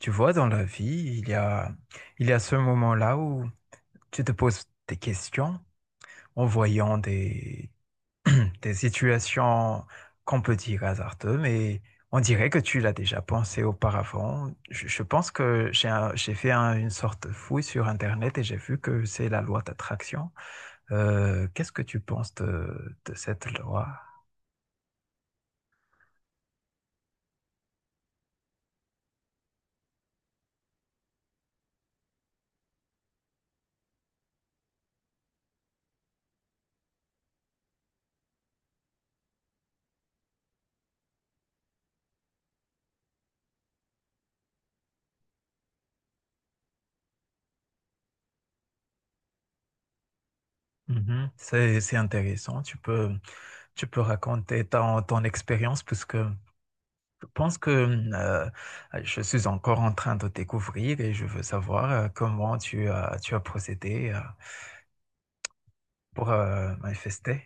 Tu vois, dans la vie, il y a, il y a ce moment-là où tu te poses des questions en voyant des situations qu'on peut dire hasardeuses, mais on dirait que tu l'as déjà pensé auparavant. Je pense que une sorte de fouille sur Internet et j'ai vu que c'est la loi d'attraction. Qu'est-ce que tu penses de cette loi? Mhm. C'est intéressant. Tu peux raconter ton expérience, puisque je pense que euh, je suis encore en train de découvrir et je veux savoir comment tu as procédé. Pour manifester.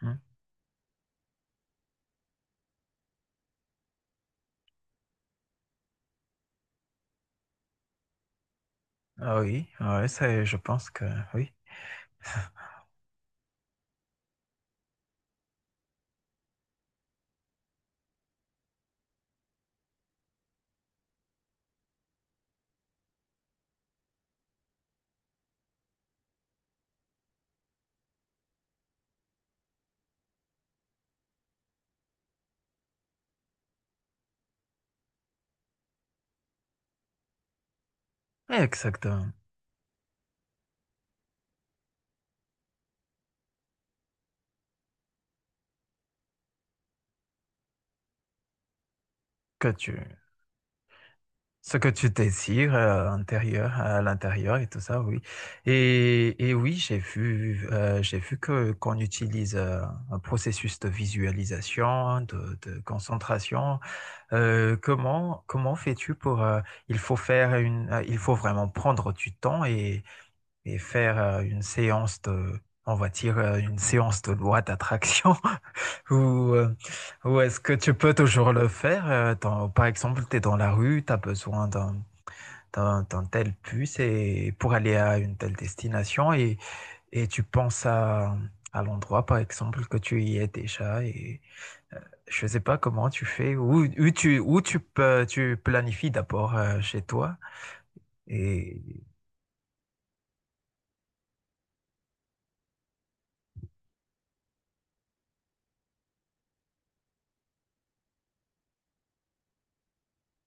Hmm. Ah oui, ouais, ça, je pense que oui, exactement. Que tu, ce que tu désires intérieur, à l'intérieur et tout ça, oui. Et oui, j'ai vu que qu'on utilise un processus de visualisation, de concentration. Comment fais-tu pour il faut faire il faut vraiment prendre du temps et faire une séance on va dire une séance de loi d'attraction ou euh, ou est-ce que tu peux toujours le faire? Par exemple, tu es dans la rue, tu as besoin d'un dans telle puce et pour aller à une telle destination et tu penses à l'endroit, par exemple, que tu y es déjà et euh, je ne sais pas comment tu fais, tu planifies d'abord chez toi et...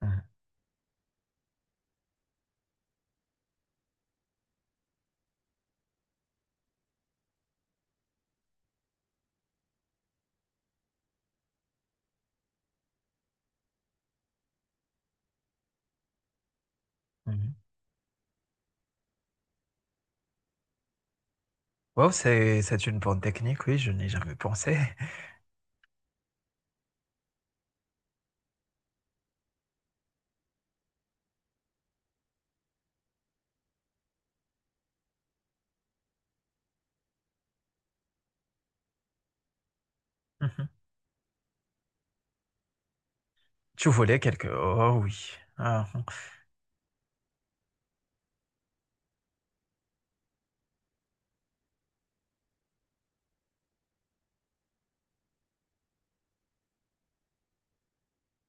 Mhm, mhm. Wow, c'est une bonne technique, oui, je n'ai jamais pensé. Mhm. Tu voulais quelque... Oh oui. Ah,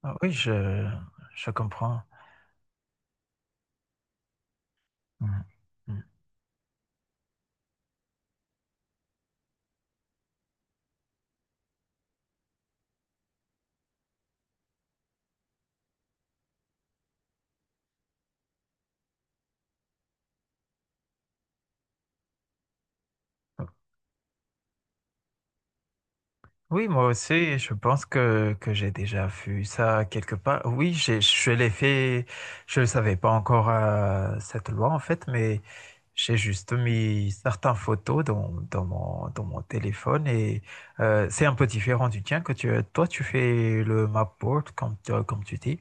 ah oui, je comprends. Mhm, mhm. Oui, moi aussi, je pense que j'ai déjà vu ça quelque part. Oui, je l'ai fait, je ne savais pas encore cette loi en fait, mais j'ai juste mis certaines photos dans mon téléphone et c'est un peu différent du tien que toi tu fais le mapboard comme tu dis,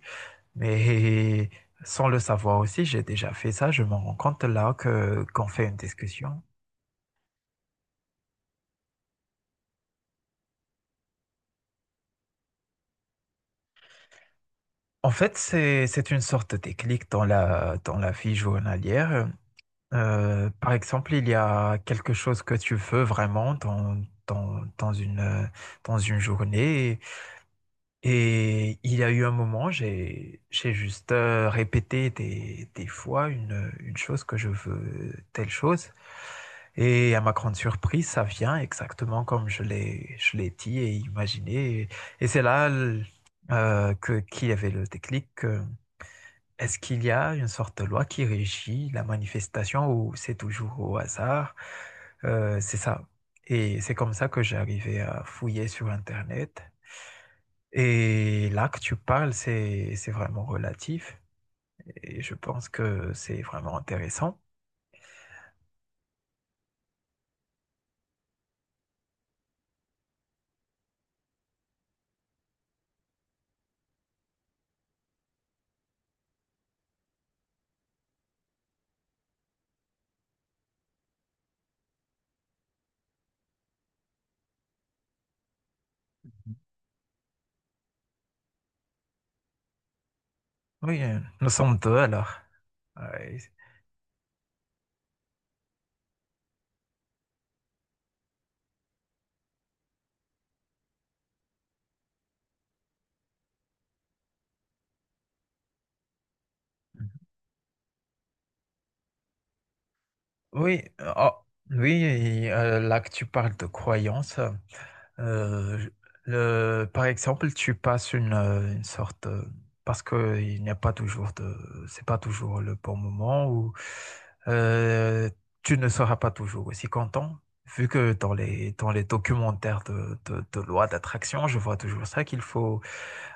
mais sans le savoir aussi, j'ai déjà fait ça, je me rends compte là qu'on fait une discussion. En fait, c'est une sorte de déclic dans dans la vie journalière. Par exemple, il y a quelque chose que tu veux vraiment dans, dans une, euh, dans une journée. Et il y a eu un moment, j'ai juste répété des fois une chose que je veux, telle chose. Et à ma grande surprise, ça vient exactement comme je l'ai dit et imaginé. Et c'est là l- que, qu'il y avait le déclic. Est-ce qu'il y a une sorte de loi qui régit la manifestation ou c'est toujours au hasard? C'est ça. Et c'est comme ça que j'ai arrivé à fouiller sur Internet. Et là que tu parles, c'est vraiment relatif. Et je pense que c'est vraiment intéressant. Oui, nous sommes deux alors. Ouais. Oui, oh, oui, là que tu parles de croyance, euh, je- par exemple, tu passes une sorte, parce que il n'y a pas toujours de, c'est pas toujours le bon moment où euh, tu ne seras pas toujours aussi content, vu que dans les documentaires de loi d'attraction, je vois toujours ça qu'il faut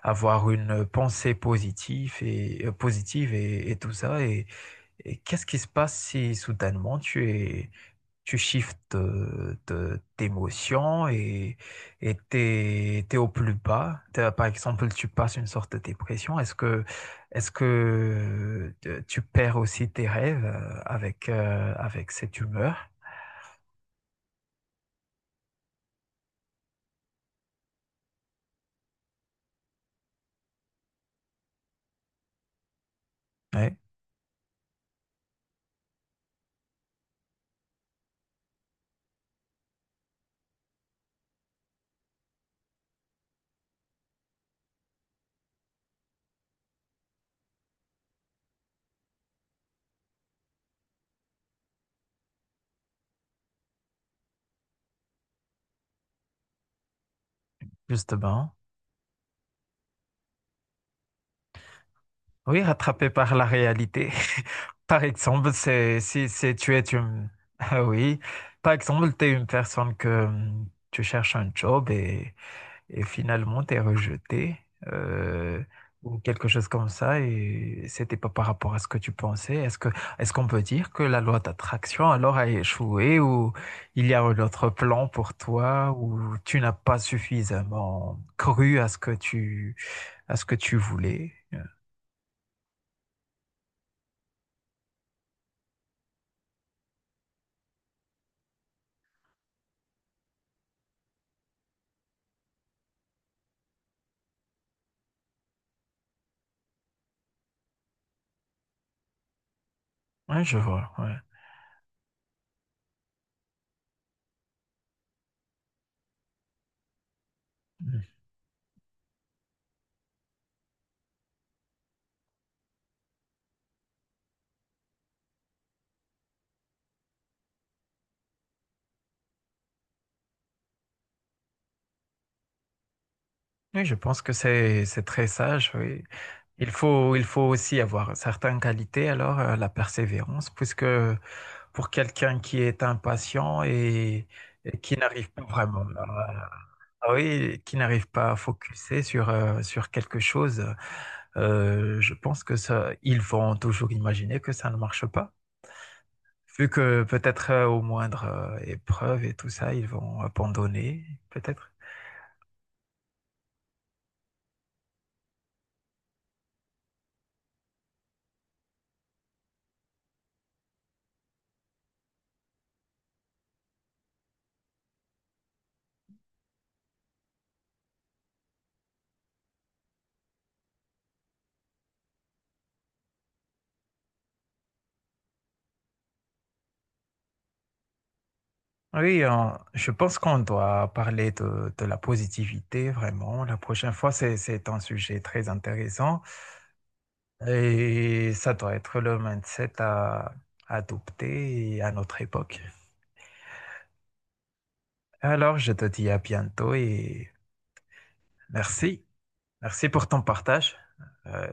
avoir une pensée positive et positive et tout ça. Et qu'est-ce qui se passe si soudainement tu shiftes d'émotion et t'es au plus bas? T'as- Par exemple, tu passes une sorte de dépression. Est-ce que tu perds aussi tes rêves avec, avec cette humeur? Oui, justement. Oui, rattrapé par la réalité. Par exemple, c'est, si, si tu es une, ah oui. Par exemple, tu es une personne que tu cherches un job et finalement t'es rejeté euh, ou quelque chose comme ça et c'était pas par rapport à ce que tu pensais. Est-ce qu'on peut dire que la loi d'attraction alors a échoué ou il y a un autre plan pour toi ou tu n'as pas suffisamment cru à ce que tu à ce que tu voulais? Ouais, je vois. Ouais. Mm. Oui, je pense que c'est très sage. Oui. Il faut aussi avoir certaines qualités alors la persévérance puisque pour quelqu'un qui est impatient et qui n'arrive pas vraiment à, ah oui, qui n'arrive pas à focuser sur, sur quelque chose, je pense que ça, ils vont toujours imaginer que ça ne marche pas. Vu que peut-être au moindre épreuve et tout ça, ils vont abandonner, peut-être. Oui, je pense qu'on doit parler de la positivité, vraiment. La prochaine fois, c'est un sujet très intéressant. Et ça doit être le mindset à adopter à notre époque. Alors, je te dis à bientôt et merci. Merci pour ton partage. Euh,